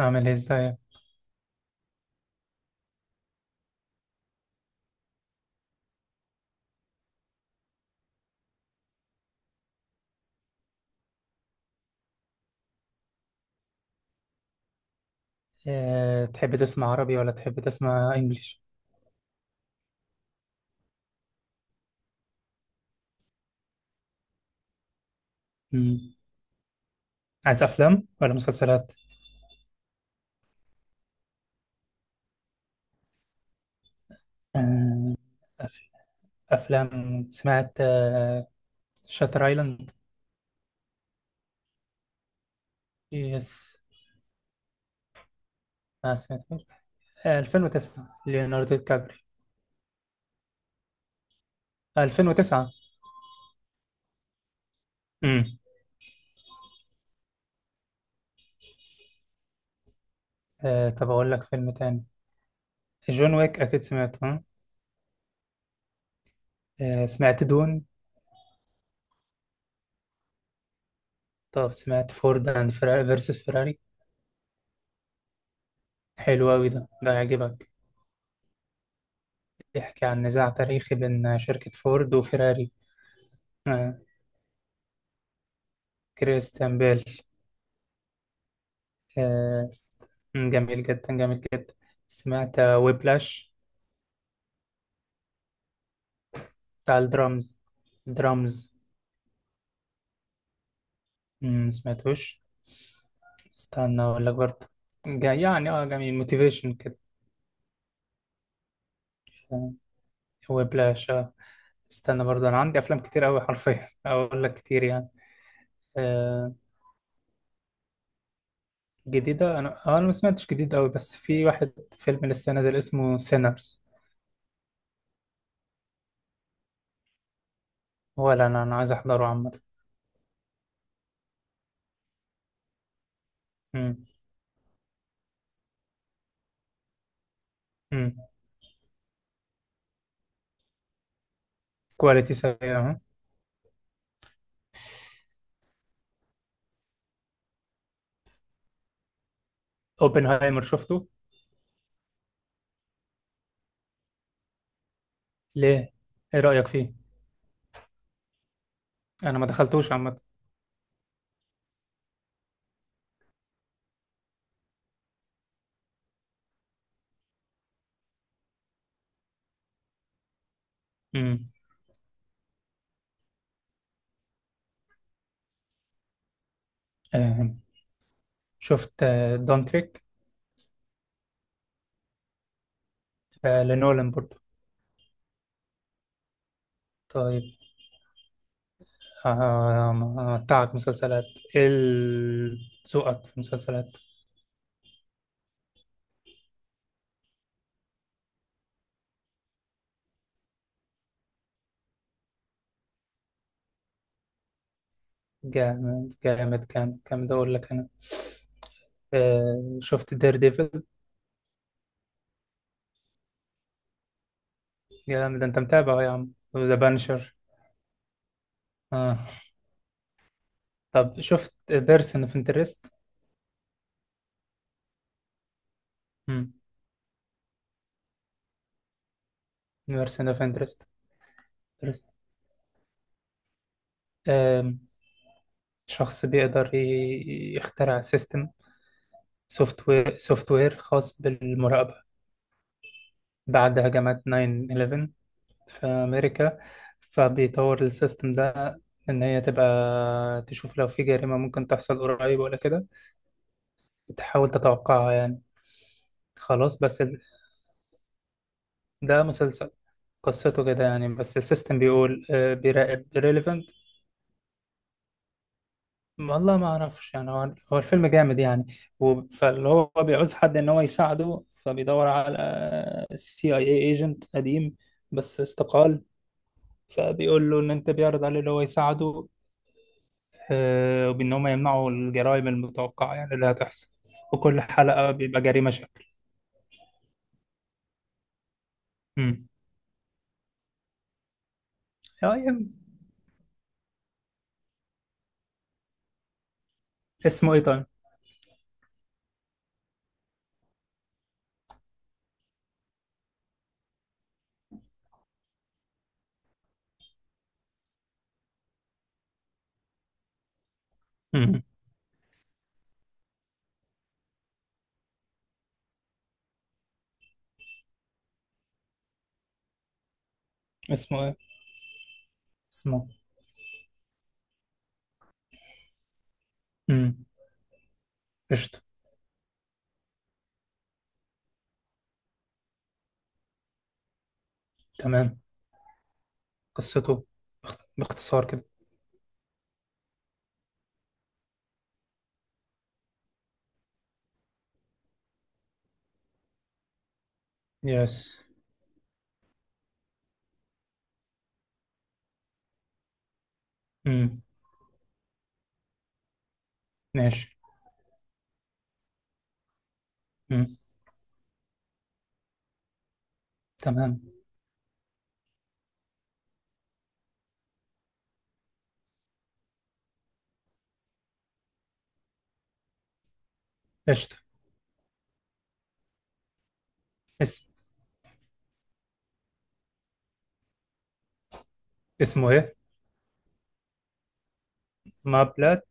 أعمل إيه إزاي؟ تحب تسمع عربي ولا تحب تسمع إنجليش؟ مم. عايز أفلام ولا مسلسلات؟ أه... أف... أفلام. سمعت شاتر أيلاند؟ يس. ما سمعتوش. 2009، ليوناردو دي كابري. 2009. مم. طب أقول لك فيلم تاني. جون ويك أكيد سمعته، ها؟ سمعت دون. طب سمعت فورد أند فراري فيرسس فراري؟ حلو أوي ده يعجبك. بيحكي عن نزاع تاريخي بين شركة فورد وفيراري. كريستيان بيل. آه، جميل جدا، جميل جدا. سمعت ويبلاش؟ بتاع الدرامز، درامز. سمعتوش. استنى اقول لك برضه. يعني، جميل موتيفيشن كده. ويبلاش استنى برضه، انا عندي افلام كتير قوي حرفيا اقول لك كتير يعني. آه جديده انا آه، انا ما سمعتش جديد قوي، بس في واحد فيلم لسه نازل اسمه سينرز. ولا انا عايز احضره عامه. امم. امم. كواليتي سيئه. اوبنهايمر شفته؟ ليه؟ ايه رأيك فيه؟ انا ما دخلتوش عامة. امم. آه، شفت دونتريك؟ لنولان برضو. طيب. بتاعك مسلسلات، ايه ذوقك في مسلسلات؟ جامد جامد جامد جامد، اقول لك انا. شفت دير ديفل؟ جامد، انت متابع أهو يا عم، وذا بانشر. آه. طب شفت بيرسون اوف انترست؟ بيرسون اوف انترست. شخص بيقدر يخترع سيستم، سوفت وير خاص بالمراقبة بعد هجمات 9/11 في أمريكا. فبيطور السيستم ده، إن هي تبقى تشوف لو في جريمة ممكن تحصل قريب ولا كده، تحاول تتوقعها يعني. خلاص، بس ده مسلسل. قصته كده يعني، بس السيستم بيقول بيراقب ريليفنت. والله ما أعرفش يعني، هو الفيلم جامد يعني. فاللي هو بيعوز حد إن هو يساعده، فبيدور على سي اي اي ايجنت قديم بس استقال. فبيقول له ان انت، بيعرض عليه اللي هو يساعده، وبان هم يمنعوا الجرائم المتوقعه يعني اللي هتحصل. وكل حلقه بيبقى جريمه شكل. امم. يعني. اسمه ايه طيب؟ امم. اسمه ايه؟ اسمه. امم. قشطه. تمام. قصته، باختصار كده. يس. امم. ماشي. امم. تمام. قشطه. اسم اسمه ايه؟ ما بلاد.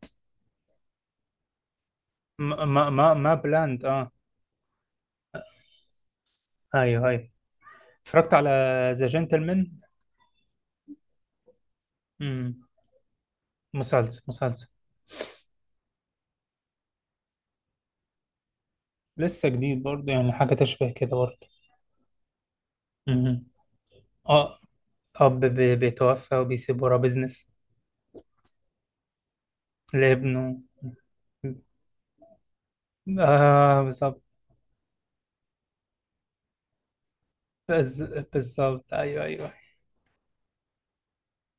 ما بلاند ايوه، ايوه. اتفرجت على ذا جنتلمان. امم. مسلسل، مسلسل. لسه جديد برضه، يعني حاجة تشبه كده برضه. مهم. اه. أب بيتوفى وبيسيب وراه بيزنس لابنه. آه بالظبط. بز- بالظبط، أيوه أيوه.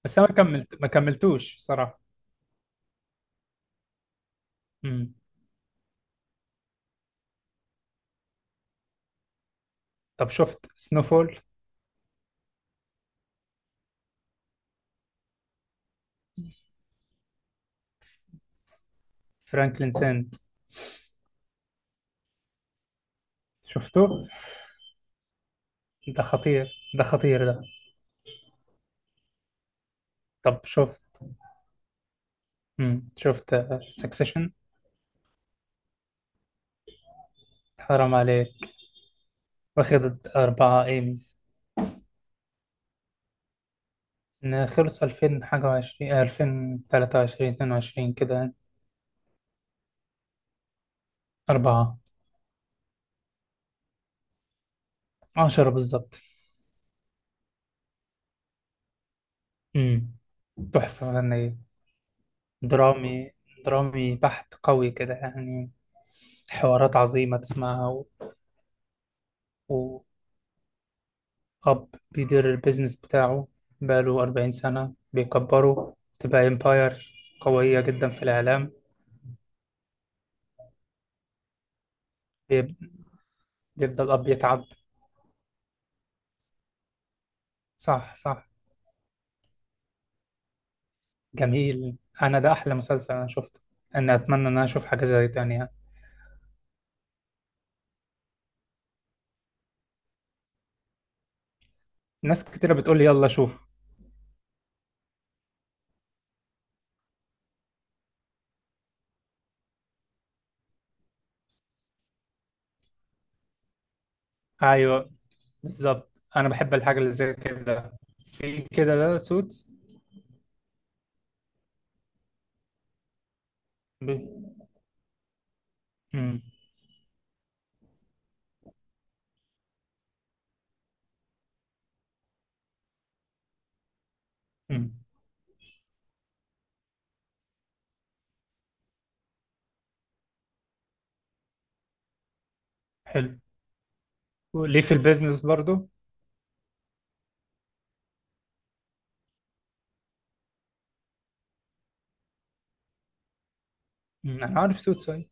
بس أنا ما كملتوش بصراحة. مم. طب شفت سنوفول؟ فرانكلين سنت. شفته. ده خطير، ده خطير ده. طب شفت مم. شفت سكسيشن؟ حرام عليك. واخد 4 إيميز. إن خلص ألفين حاجة وعشرين، 2023، 22 كده. أربعة. 10 بالظبط. امم. تحفة فنية. درامي، درامي بحت قوي كده يعني. حوارات عظيمة تسمعها و... وأب بيدير البيزنس بتاعه بقاله 40 سنة، بيكبره تبقى إمباير قوية جدا في الإعلام. بيب... بيبدأ الأب يتعب. صح، صح. جميل. أنا ده أحلى مسلسل أنا شفته. أنا أتمنى إن أنا أشوف حاجة زي تانية. ناس كتيرة بتقول لي يلا شوف. أيوه بالظبط، انا بحب الحاجه اللي زي كده. في كده، لا سوتس. ب... مم. مم. حلو، ليه في البيزنس برضو. مم. انا عارف سوتس أيوة.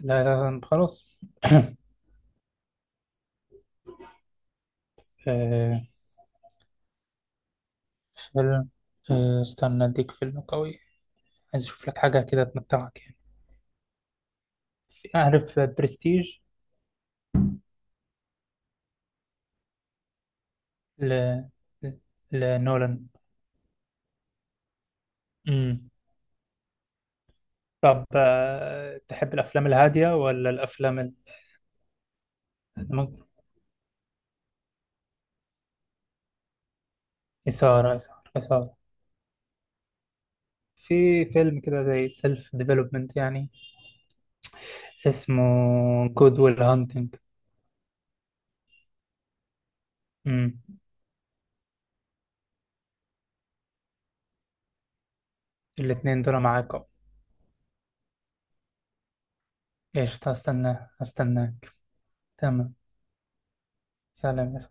لا لا، خلاص. آه، فيلم. استنى اديك فيلم قوي، عايز اشوف لك حاجه كده تمتعك يعني. اعرف برستيج. ل... ل- لنولان. مم. طب تحب الافلام الهاديه ولا الافلام ممكن- اثاره، اثاره، اثاره. في فيلم كده زي سيلف ديفلوبمنت يعني. اسمه جود ويل هانتنج. امم. الاتنين دول معاك اهو. قشطة، هستناه هستناك. تمام. سلام يا